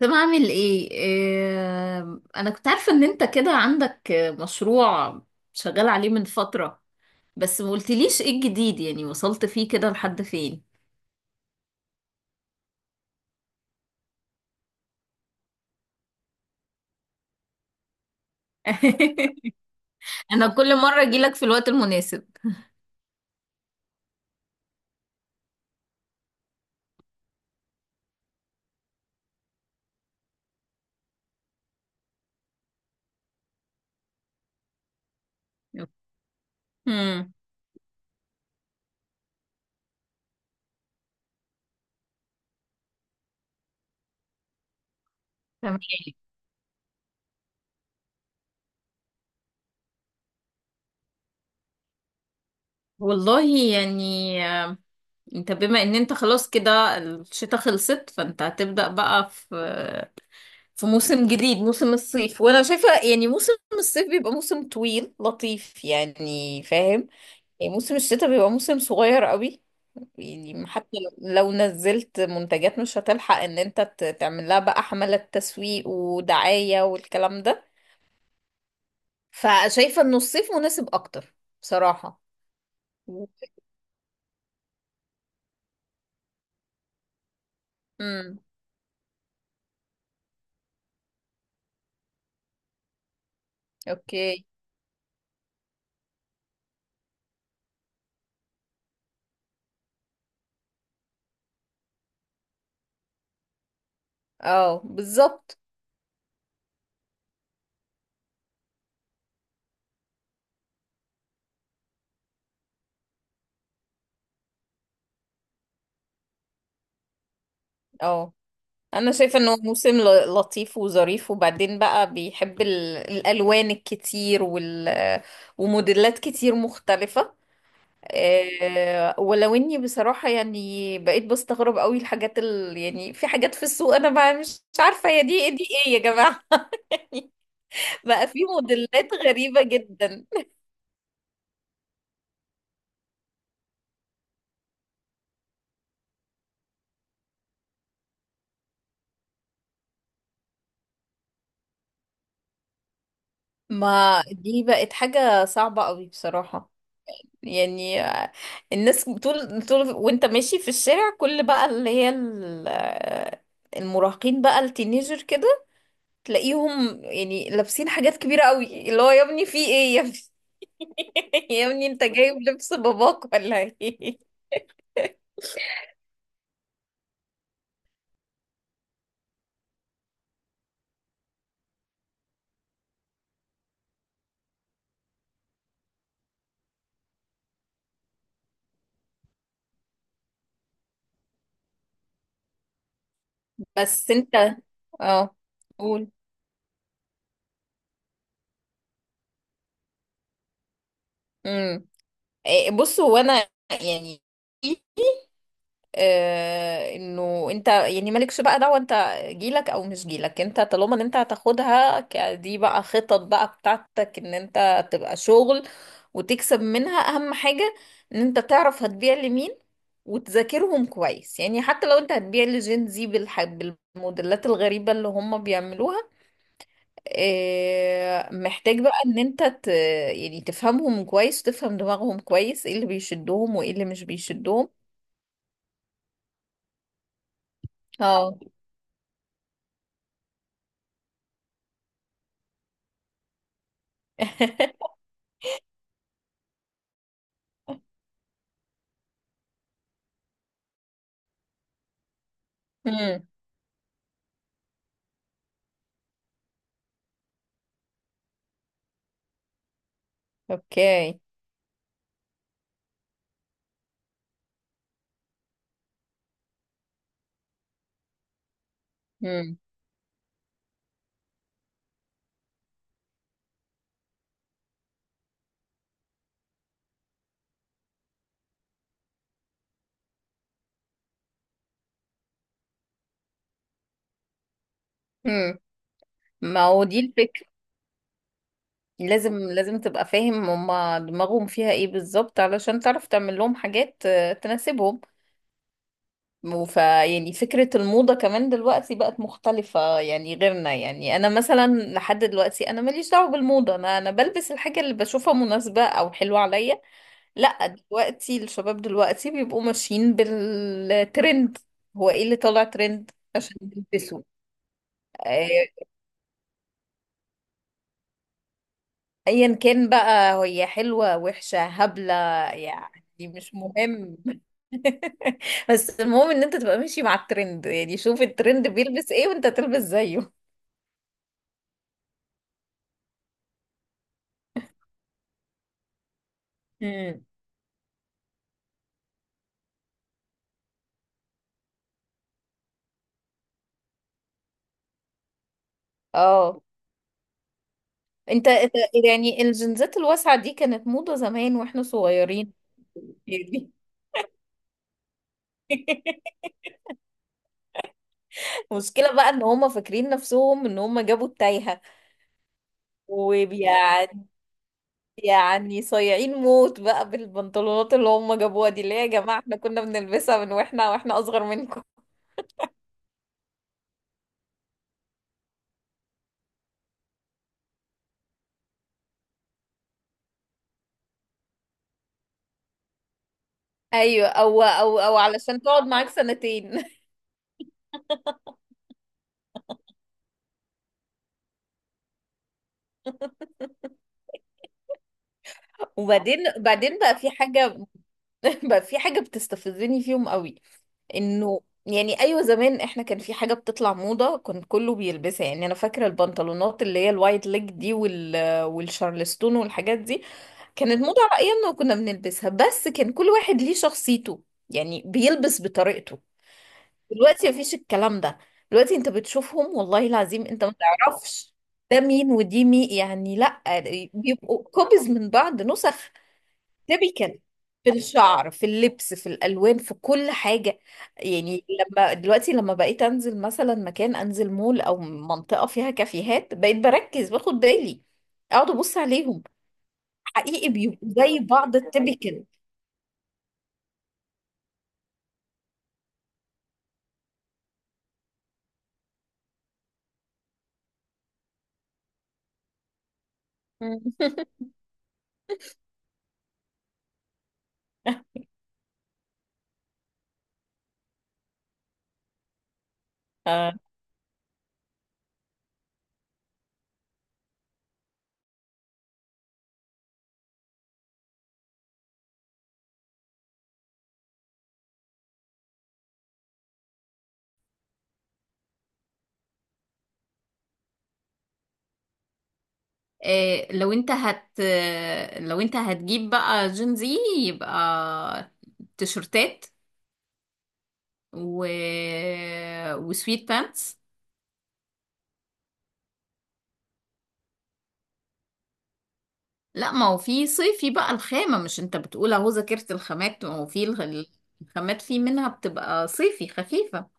طب اعمل ايه انا كنت عارفة ان انت كده عندك مشروع شغال عليه من فترة، بس ما قلتليش ايه الجديد، يعني وصلت فيه كده لحد فين؟ انا كل مرة اجيلك في الوقت المناسب. امم تمام. والله يعني آه، انت بما ان انت خلاص كده الشتاء خلصت، فانت هتبدأ بقى في موسم جديد، موسم الصيف. وانا شايفة يعني موسم الصيف بيبقى موسم طويل لطيف، يعني فاهم؟ يعني موسم الشتاء بيبقى موسم صغير قوي، يعني حتى لو نزلت منتجات مش هتلحق ان انت تعمل لها بقى حملة تسويق ودعاية والكلام ده. فشايفة انه الصيف مناسب اكتر بصراحة. امم اوكي. اه بالظبط. اه انا شايفة انه موسم لطيف وظريف، وبعدين بقى بيحب الالوان الكتير وال وموديلات كتير مختلفة. ولو اني بصراحة يعني بقيت بستغرب قوي الحاجات يعني في حاجات في السوق انا ما مش مش عارفة هي دي ايه يا جماعة. بقى في موديلات غريبة جدا. ما دي بقت حاجة صعبة قوي بصراحة. يعني الناس طول وانت ماشي في الشارع، كل بقى اللي هي المراهقين بقى، التينيجر كده، تلاقيهم يعني لابسين حاجات كبيرة قوي، اللي هو يا ابني في ايه يا ابني؟ يا ابني انت جايب لبس باباك ولا ايه؟ بس انت اه قول. امم بص هو انا يعني انه انت يعني مالكش بقى دعوه انت جيلك او مش جيلك، انت طالما ان انت هتاخدها دي بقى خطط بقى بتاعتك، ان انت تبقى شغل وتكسب منها. اهم حاجه ان انت تعرف هتبيع لمين، وتذاكرهم كويس. يعني حتى لو انت هتبيع لجين زي بالموديلات الغريبه اللي هم بيعملوها، محتاج بقى ان انت يعني تفهمهم كويس وتفهم دماغهم كويس، ايه اللي بيشدهم وايه اللي مش بيشدهم. اه. امم اوكي. امم امم ما هو دي الفكرة. لازم تبقى فاهم هما دماغهم فيها ايه بالظبط، علشان تعرف تعمل لهم حاجات تناسبهم. وف يعني فكرة الموضة كمان دلوقتي بقت مختلفة، يعني غيرنا. يعني أنا مثلا لحد دلوقتي أنا ماليش دعوة بالموضة، أنا بلبس الحاجة اللي بشوفها مناسبة أو حلوة عليا. لأ دلوقتي الشباب دلوقتي بيبقوا ماشيين بالترند، هو ايه اللي طالع ترند عشان يلبسوا. آه، ايا كان بقى هي، حلوة وحشة هبلة، يعني مش مهم. بس المهم ان انت تبقى ماشي مع الترند، يعني شوف الترند بيلبس ايه وانت تلبس زيه. امم اه. انت انت- يعني الجنزات الواسعة دي كانت موضة زمان واحنا صغيرين. دي مشكلة بقى، ان هم فاكرين نفسهم ان هم جابوا التايهة. ويعني يعني صايعين موت بقى بالبنطلونات اللي هم جابوها دي، اللي هي يا جماعة احنا كنا بنلبسها من واحنا اصغر منكم. ايوه، او علشان تقعد معاك سنتين. وبعدين بقى في حاجه، بقى في حاجه بتستفزني فيهم قوي. انه يعني ايوه زمان احنا كان في حاجه بتطلع موضه كان كله بيلبسها، يعني انا فاكره البنطلونات اللي هي الوايت ليج دي، وال والشارلستون والحاجات دي كانت موضه على ايامنا، وكنا بنلبسها، بس كان كل واحد ليه شخصيته، يعني بيلبس بطريقته. دلوقتي مفيش الكلام ده. دلوقتي انت بتشوفهم، والله العظيم انت ما تعرفش ده مين ودي مين، يعني لا بيبقوا كوبيز من بعض، نسخ تيبيكال، في الشعر في اللبس في الالوان في كل حاجه. يعني لما دلوقتي لما بقيت انزل مثلا مكان، انزل مول او منطقه فيها كافيهات، بقيت بركز باخد بالي، اقعد ابص عليهم. حقيقي بيبقوا زي بعض، التيبيكال. إيه، لو انت هت لو انت هتجيب بقى جين زي، يبقى تيشرتات و... وسويت بانتس. لا ما هو في صيفي بقى الخامة، مش انت بتقول اهو ذاكرت الخامات، ما هو في الخامات في منها بتبقى صيفي خفيفة.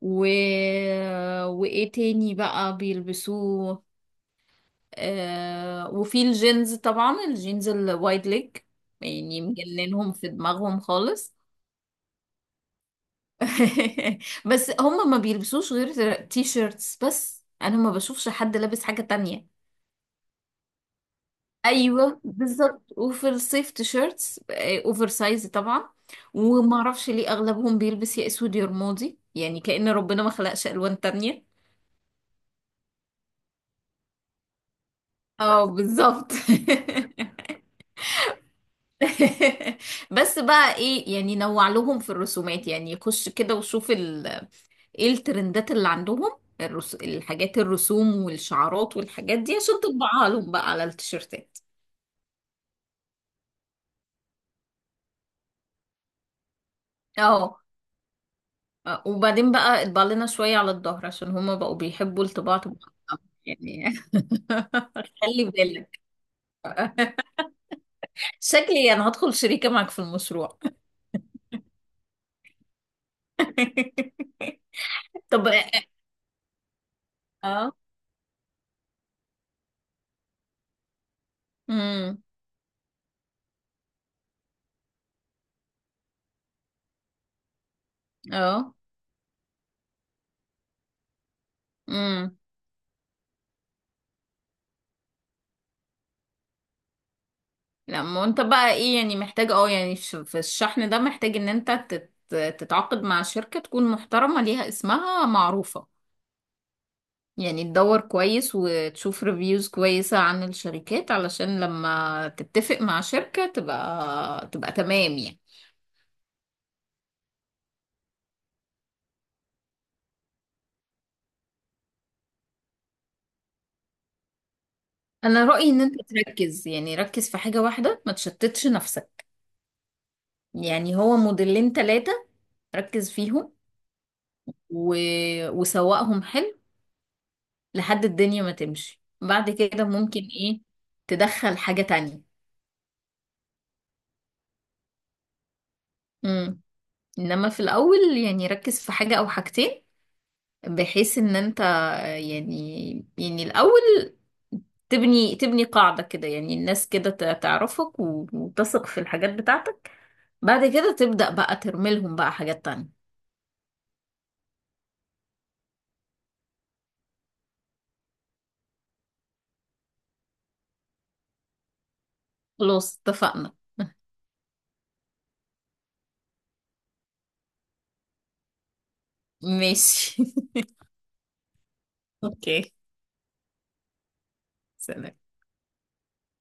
و... وايه تاني بقى بيلبسوه؟ وفي الجينز طبعا، الجينز الوايد ليج، يعني مجننهم في دماغهم خالص. بس هم ما بيلبسوش غير تي شيرتس بس، انا ما بشوفش حد لابس حاجة تانية. ايوه بالظبط، وفي الصيف تي شيرتس، اوفر سايز طبعا. وما اعرفش ليه اغلبهم بيلبس يا اسود يا رمادي، يعني كأن ربنا ما خلقش الوان تانية. اه بالظبط. بس بقى ايه، يعني نوع لهم في الرسومات، يعني خش كده وشوف ايه الترندات اللي عندهم، الحاجات الرسوم والشعارات والحاجات دي عشان تطبعها لهم بقى على التيشيرتات. اه. وبعدين بقى اطبع لنا شوية على الظهر، عشان هما بقوا بيحبوا الطباعة تبقى خطأ. يعني. خلي بالك، شكلي انا هدخل شريكة معك في المشروع. طب اه. امم اه. امم لا، ما انت بقى ايه، يعني محتاج اه يعني في الشحن ده محتاج ان انت تتعاقد مع شركة تكون محترمة، ليها اسمها معروفة. يعني تدور كويس وتشوف ريفيوز كويسة عن الشركات، علشان لما تتفق مع شركة تبقى تمام يعني. انا رأيي ان انت تركز، يعني ركز في حاجة واحدة، ما تشتتش نفسك. يعني هو موديلين ثلاثة، ركز فيهم، و... وسوقهم حلو. لحد الدنيا ما تمشي، بعد كده ممكن ايه تدخل حاجة تانية. امم انما في الاول يعني ركز في حاجة او حاجتين، بحيث ان انت آه، يعني الاول تبني قاعدة كده، يعني الناس كده تعرفك وتثق في الحاجات بتاعتك، بعد كده تبدأ بقى ترمي لهم بقى حاجات تانية. خلاص اتفقنا. ماشي. اوكي. سلام.